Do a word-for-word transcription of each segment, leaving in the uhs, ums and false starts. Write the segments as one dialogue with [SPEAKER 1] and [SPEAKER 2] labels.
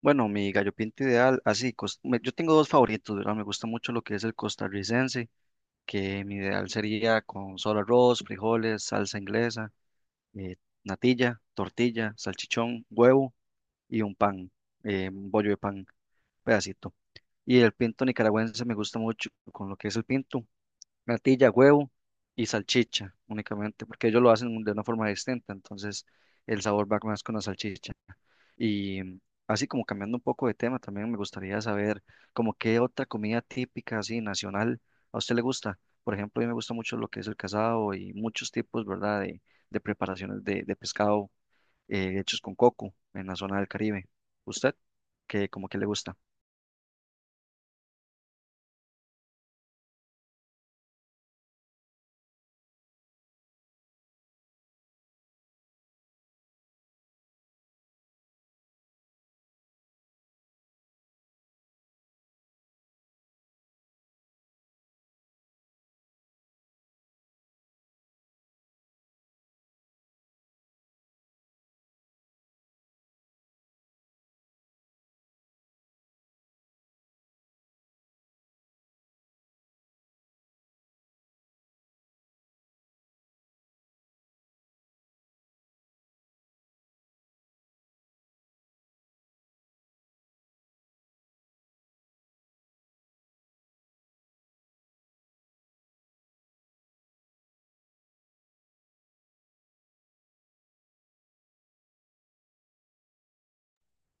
[SPEAKER 1] Bueno, mi gallo pinto ideal, así, cos- me- yo tengo dos favoritos, ¿verdad? Me gusta mucho lo que es el costarricense, que mi ideal sería con solo arroz, frijoles, salsa inglesa, eh, natilla, tortilla, salchichón, huevo y un pan, eh, un bollo de pan, pedacito. Y el pinto nicaragüense me gusta mucho con lo que es el pinto natilla, huevo y salchicha únicamente, porque ellos lo hacen de una forma distinta, entonces el sabor va más con la salchicha. Y mm, Así como cambiando un poco de tema, también me gustaría saber como qué otra comida típica así nacional a usted le gusta. Por ejemplo, a mí me gusta mucho lo que es el casado y muchos tipos, ¿verdad? De, de preparaciones de, de pescado eh, hechos con coco en la zona del Caribe. ¿Usted qué como que le gusta?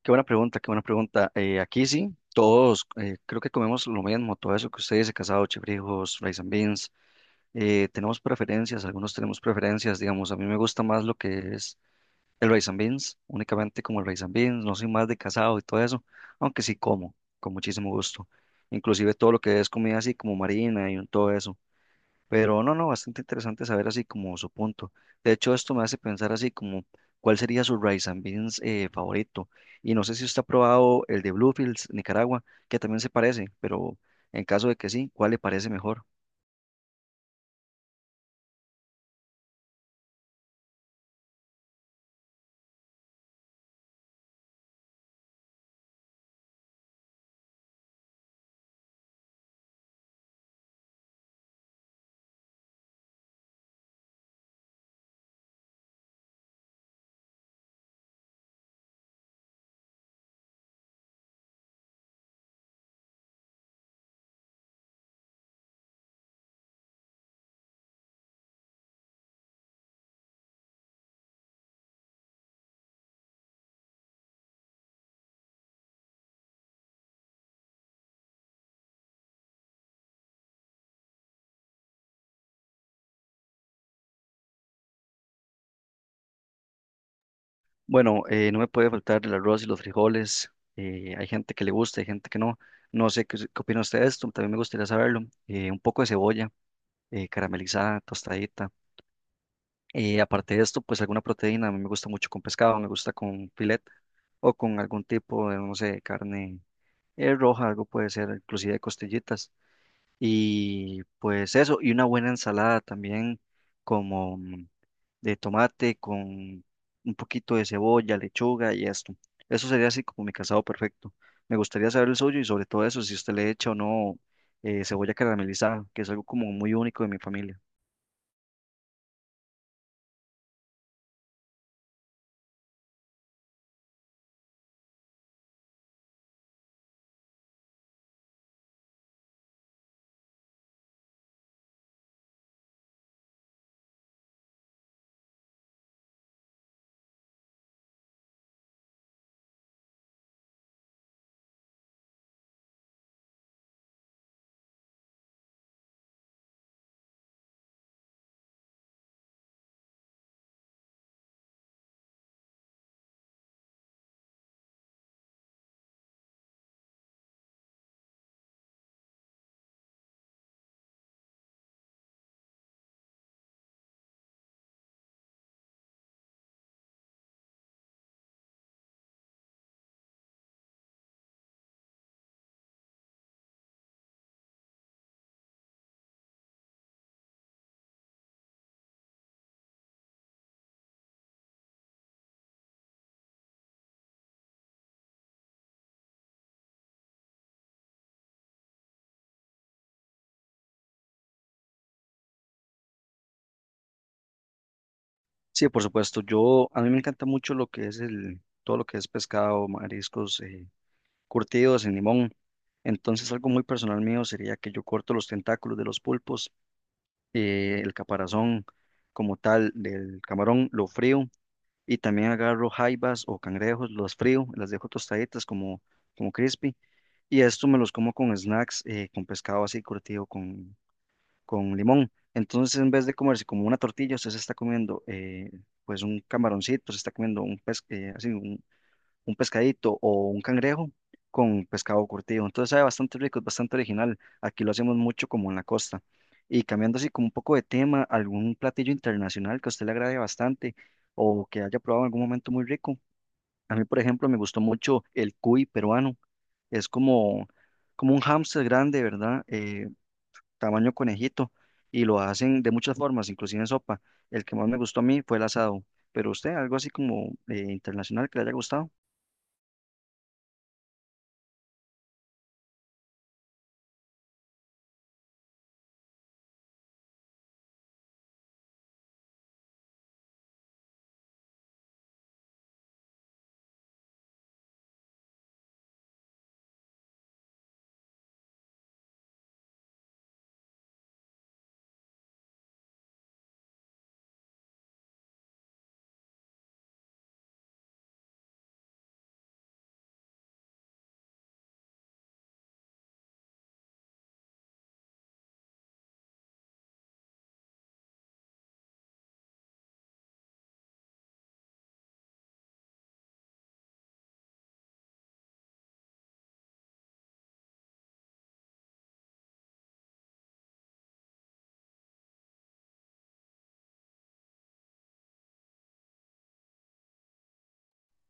[SPEAKER 1] Qué buena pregunta, qué buena pregunta. Eh, aquí sí, todos eh, creo que comemos lo mismo, todo eso que ustedes dice, casado, chifrijos, rice and beans. Eh, tenemos preferencias, algunos tenemos preferencias, digamos, a mí me gusta más lo que es el rice and beans, únicamente como el rice and beans, no soy más de casado y todo eso, aunque sí como, con muchísimo gusto. Inclusive todo lo que es comida así como marina y todo eso. Pero no, no, bastante interesante saber así como su punto. De hecho, esto me hace pensar así como cuál sería su rice and beans eh, favorito. Y no sé si usted ha probado el de Bluefields, Nicaragua, que también se parece, pero en caso de que sí, ¿cuál le parece mejor? Bueno, eh, no me puede faltar el arroz y los frijoles. Eh, hay gente que le gusta, hay gente que no. No sé qué, qué opina usted de esto, también me gustaría saberlo. Eh, un poco de cebolla eh, caramelizada, tostadita. Y aparte de esto, pues alguna proteína, a mí me gusta mucho con pescado, me gusta con filet o con algún tipo de, no sé, carne eh, roja, algo puede ser, inclusive costillitas. Y pues eso, y una buena ensalada también como mm, de tomate con un poquito de cebolla, lechuga y esto. Eso sería así como mi casado perfecto. Me gustaría saber el suyo y sobre todo eso, si usted le echa o no eh, cebolla caramelizada, que es algo como muy único de mi familia. Sí, por supuesto. Yo, a mí me encanta mucho lo que es el, todo lo que es pescado, mariscos, eh, curtidos en limón. Entonces, algo muy personal mío sería que yo corto los tentáculos de los pulpos, eh, el caparazón como tal del camarón, lo frío y también agarro jaibas o cangrejos, los frío, las dejo tostaditas como, como crispy y esto me los como con snacks, eh, con pescado así curtido, con limón. Entonces, en vez de comerse como una tortilla, usted se está comiendo eh, pues un camaroncito, se está comiendo un, pes- eh, así, un, un pescadito o un cangrejo con pescado curtido. Entonces, sabe bastante rico, es bastante original. Aquí lo hacemos mucho como en la costa. Y cambiando así como un poco de tema, algún platillo internacional que a usted le agrade bastante o que haya probado en algún momento muy rico. A mí, por ejemplo, me gustó mucho el cuy peruano. Es como, como un hámster grande, ¿verdad? Eh, tamaño conejito, y lo hacen de muchas formas, inclusive en sopa. El que más me gustó a mí fue el asado, pero usted, algo así como eh, internacional que le haya gustado.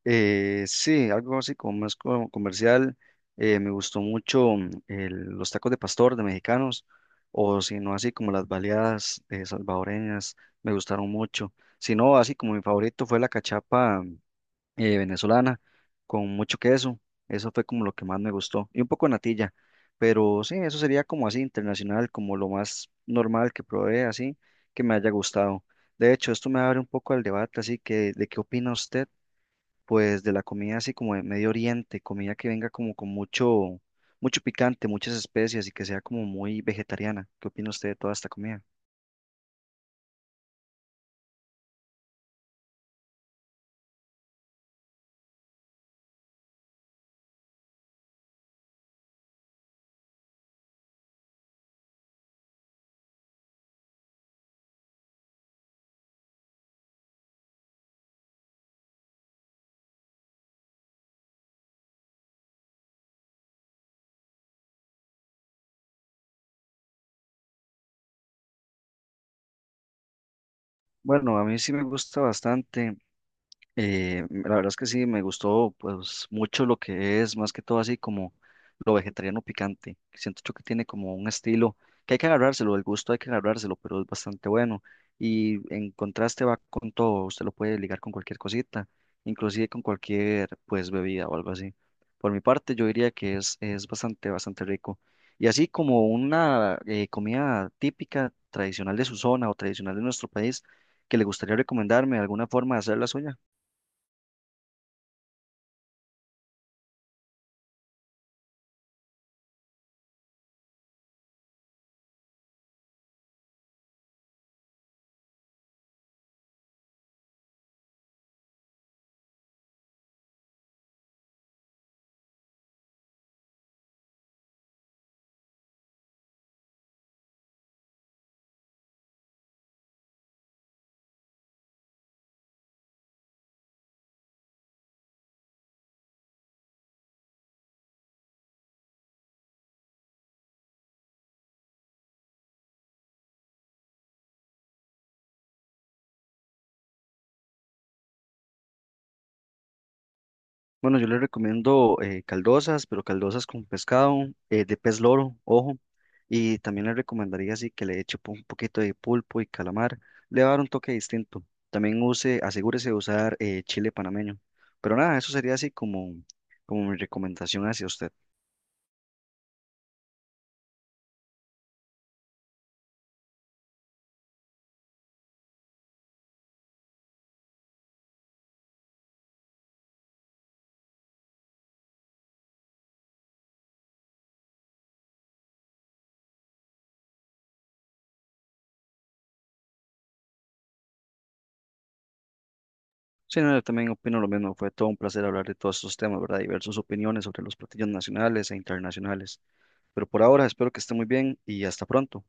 [SPEAKER 1] Eh, sí, algo así como más co- comercial. Eh, me gustó mucho mm, el- los tacos de pastor de mexicanos, o si no, así como las baleadas eh, salvadoreñas, me gustaron mucho. Si no, así como mi favorito fue la cachapa eh, venezolana con mucho queso. Eso fue como lo que más me gustó. Y un poco de natilla. Pero sí, eso sería como así internacional, como lo más normal que probé, así que me haya gustado. De hecho, esto me abre un poco al debate, así que ¿de qué opina usted? Pues de la comida así como de Medio Oriente, comida que venga como con mucho, mucho picante, muchas especias y que sea como muy vegetariana. ¿Qué opina usted de toda esta comida? Bueno, a mí sí me gusta bastante. Eh, la verdad es que sí, me gustó pues mucho lo que es, más que todo así como lo vegetariano picante. Siento yo que tiene como un estilo que hay que agarrárselo, el gusto hay que agarrárselo, pero es bastante bueno. Y en contraste va con todo, usted lo puede ligar con cualquier cosita, inclusive con cualquier pues bebida o algo así. Por mi parte yo diría que es, es bastante, bastante rico. Y así como una eh, comida típica, tradicional de su zona o tradicional de nuestro país, que le gustaría recomendarme alguna forma de hacer la suya. Bueno, yo le recomiendo eh, caldosas, pero caldosas con pescado, eh, de pez loro, ojo. Y también le recomendaría así que le eche po- un poquito de pulpo y calamar. Le va a dar un toque distinto. También use, asegúrese de usar eh, chile panameño. Pero nada, eso sería así como, como mi recomendación hacia usted. Sí, no, yo también opino lo mismo. Fue todo un placer hablar de todos estos temas, ¿verdad? Diversas opiniones sobre los platillos nacionales e internacionales. Pero por ahora espero que esté muy bien y hasta pronto.